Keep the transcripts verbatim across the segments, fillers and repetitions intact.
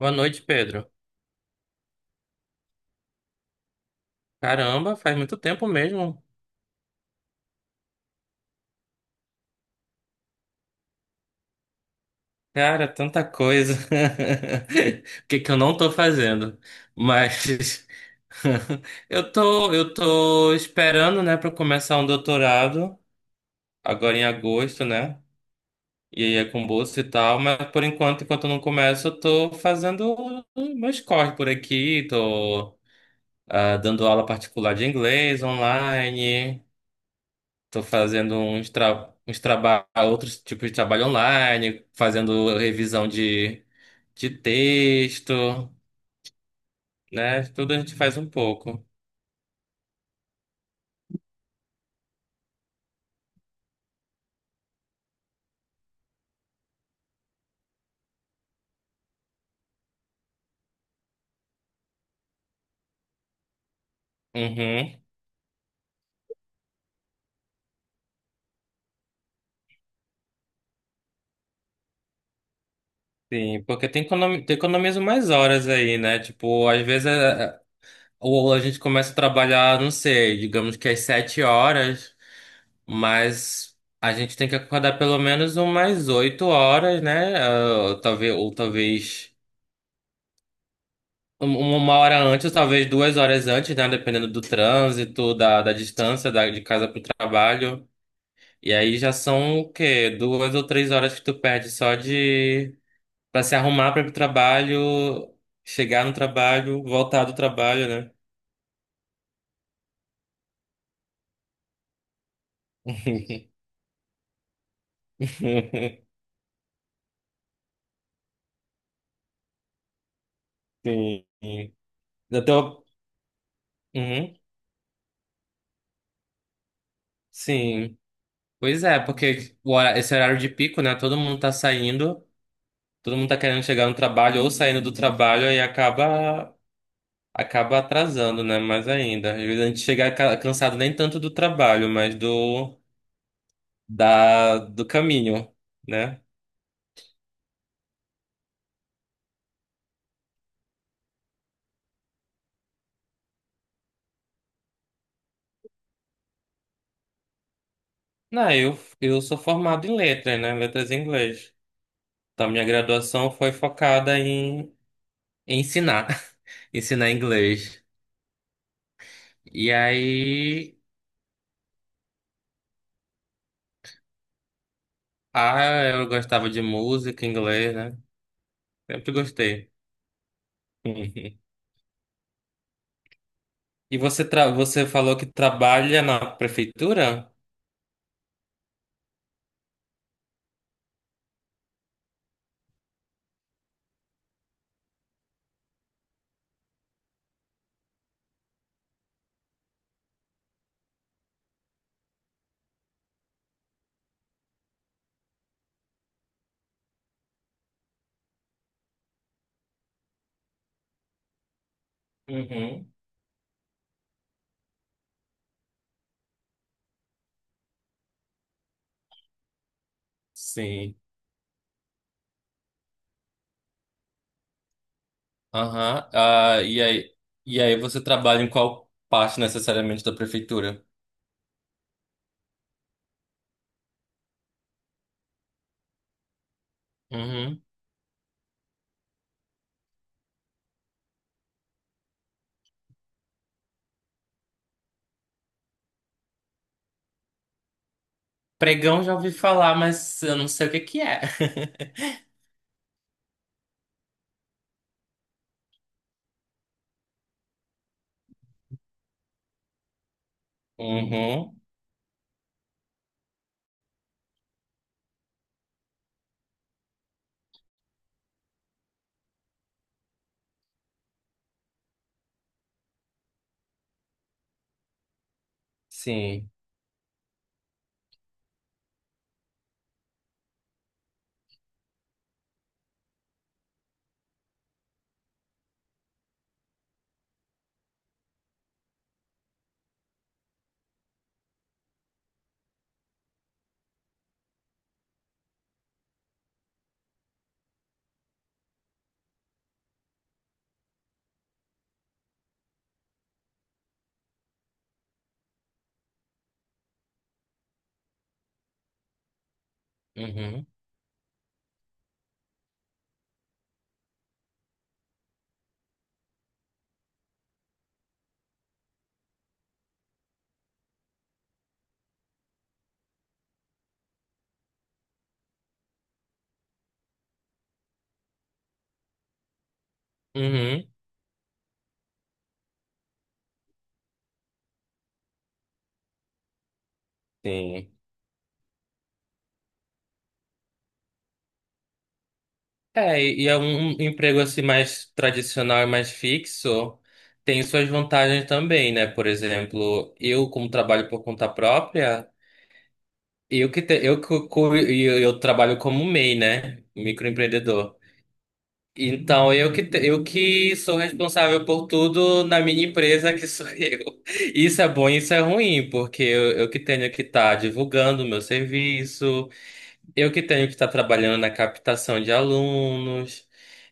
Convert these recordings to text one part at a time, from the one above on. Boa noite, Pedro. Caramba, faz muito tempo mesmo. Cara, tanta coisa. O que que eu não tô fazendo? Mas eu tô, eu tô esperando, né, para começar um doutorado agora em agosto, né? E aí é com bolsa e tal, mas por enquanto, enquanto eu não começo, eu tô fazendo meus corres por aqui, tô ah, dando aula particular de inglês online. Tô fazendo uns, tra uns traba outros tipos de trabalho online, fazendo revisão de, de texto, né? Tudo a gente faz um pouco. Uhum. Sim, porque tem economi tem economiza mais horas aí, né? Tipo, às vezes é, é, ou a gente começa a trabalhar, não sei, digamos que às sete horas, mas a gente tem que acordar pelo menos umas oito horas, né? Ah, ou talvez, ou talvez. Um- um, Uma hora antes, talvez duas horas antes, né? Dependendo do trânsito, da, da distância da, de casa pro trabalho. E aí já são o quê? Duas ou três horas que tu perde só de... pra se arrumar para ir pro trabalho, chegar no trabalho, voltar do trabalho, né? Sim. Eu tô... Uhum. Sim. Pois é, porque o hora- esse horário de pico, né? Todo mundo tá saindo, todo mundo tá querendo chegar no trabalho ou saindo do trabalho e acaba. acaba atrasando, né? Mais ainda. Às vezes a gente chega ca- cansado nem tanto do trabalho, mas do, da, do caminho, né? Não, eu, eu sou formado em letras, né? Letras em inglês. Então, minha graduação foi focada em, em ensinar, ensinar inglês. E aí, ah, eu gostava de música, inglês, né? Sempre gostei. E você, tra você falou que trabalha na prefeitura? Uhum. Sim. Aham. Ah, e aí, e aí você trabalha em qual parte necessariamente da prefeitura? Uhum. Pregão já ouvi falar, mas eu não sei o que que é. Uhum. Sim. Uhum. Uhum. Sim. É, e e é um emprego assim mais tradicional e mais fixo, tem suas vantagens também, né? Por exemplo, eu como trabalho por conta própria, eu que te- eu, que cu- e eu, eu trabalho como mei, né? Microempreendedor. Então, eu que, te- eu que sou responsável por tudo na minha empresa, que sou eu. Isso é bom e isso é ruim, porque eu, eu que tenho que estar divulgando o meu serviço, eu que tenho que estar trabalhando na captação de alunos.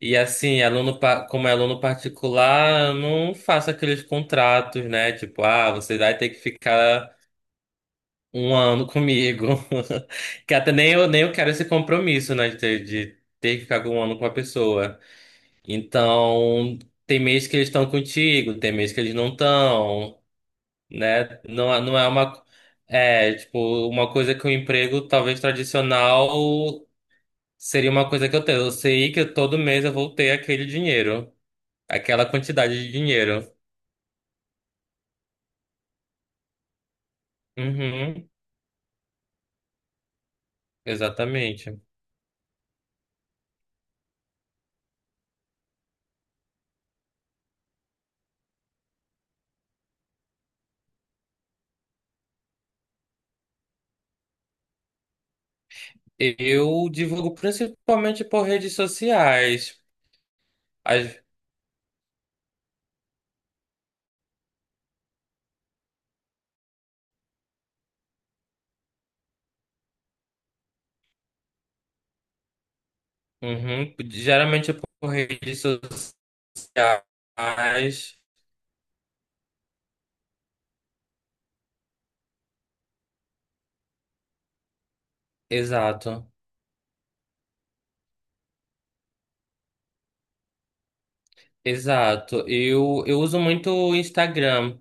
E assim, aluno, pa- como é aluno particular, eu não faço aqueles contratos, né? Tipo, ah, você vai ter que ficar um ano comigo. Que até nem eu, nem eu quero esse compromisso, né? De, ter- de ter que ficar um ano com a pessoa. Então, tem mês que eles estão contigo, tem mês que eles não estão, né? Não, é- não é uma. É, tipo, uma coisa que o emprego talvez tradicional seria uma coisa que eu tenho. Eu sei que todo mês eu vou ter aquele dinheiro, aquela quantidade de dinheiro. Uhum, exatamente. Eu divulgo principalmente por redes sociais. As- uhum, geralmente por redes sociais. Exato. Exato. Eu, eu uso muito o Instagram.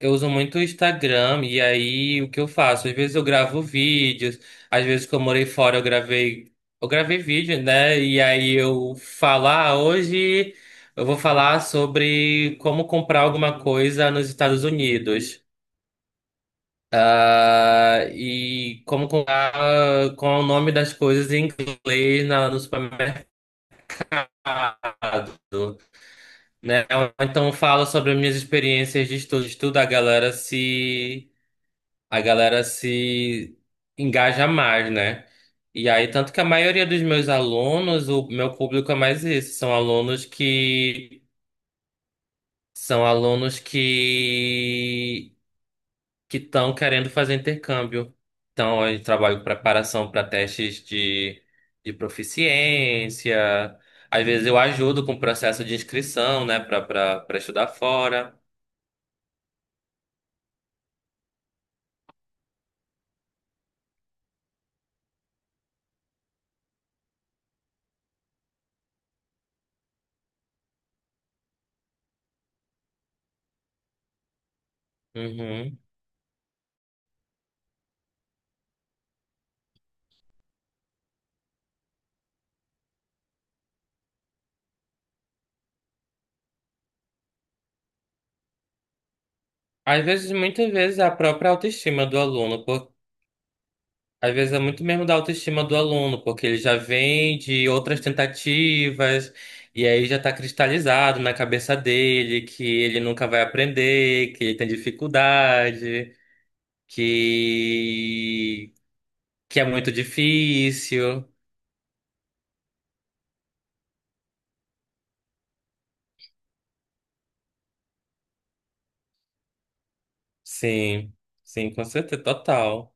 Eu uso muito o Instagram e aí o que eu faço? Às vezes eu gravo vídeos, às vezes que eu morei fora eu gravei, eu gravei vídeo, né? E aí eu falar hoje eu vou falar sobre como comprar alguma coisa nos Estados Unidos. Ah, e como comprar ah, qual é o nome das coisas em inglês na, no supermercado. Né? Então fala sobre as minhas experiências de estudo. Estudo, a galera se a galera se engaja mais, né? E aí, tanto que a maioria dos meus alunos, o meu público é mais isso, são alunos que são alunos que que estão querendo fazer intercâmbio. Então, eu trabalho com preparação para testes de, de proficiência. Às vezes eu ajudo com o processo de inscrição, né, para para estudar fora. Uhum. Às vezes, muitas vezes, é a própria autoestima do aluno, por... às vezes é muito mesmo da autoestima do aluno, porque ele já vem de outras tentativas, e aí já está cristalizado na cabeça dele que ele nunca vai aprender, que ele tem dificuldade, que, que é muito difícil. Sim, sim, com certeza, total.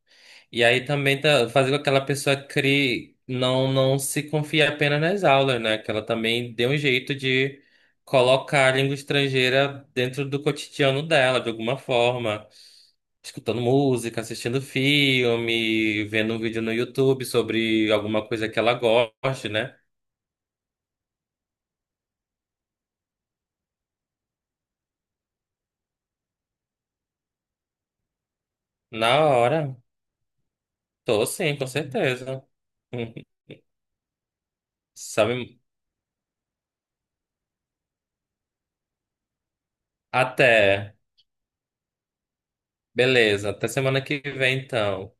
E aí também tá, fazer com que aquela pessoa crie, não, não se confie apenas nas aulas, né? Que ela também dê um jeito de colocar a língua estrangeira dentro do cotidiano dela, de alguma forma. Escutando música, assistindo filme, vendo um vídeo no YouTube sobre alguma coisa que ela goste, né? Na hora, tô sim, com certeza. Sabe, até. Beleza, até semana que vem, então.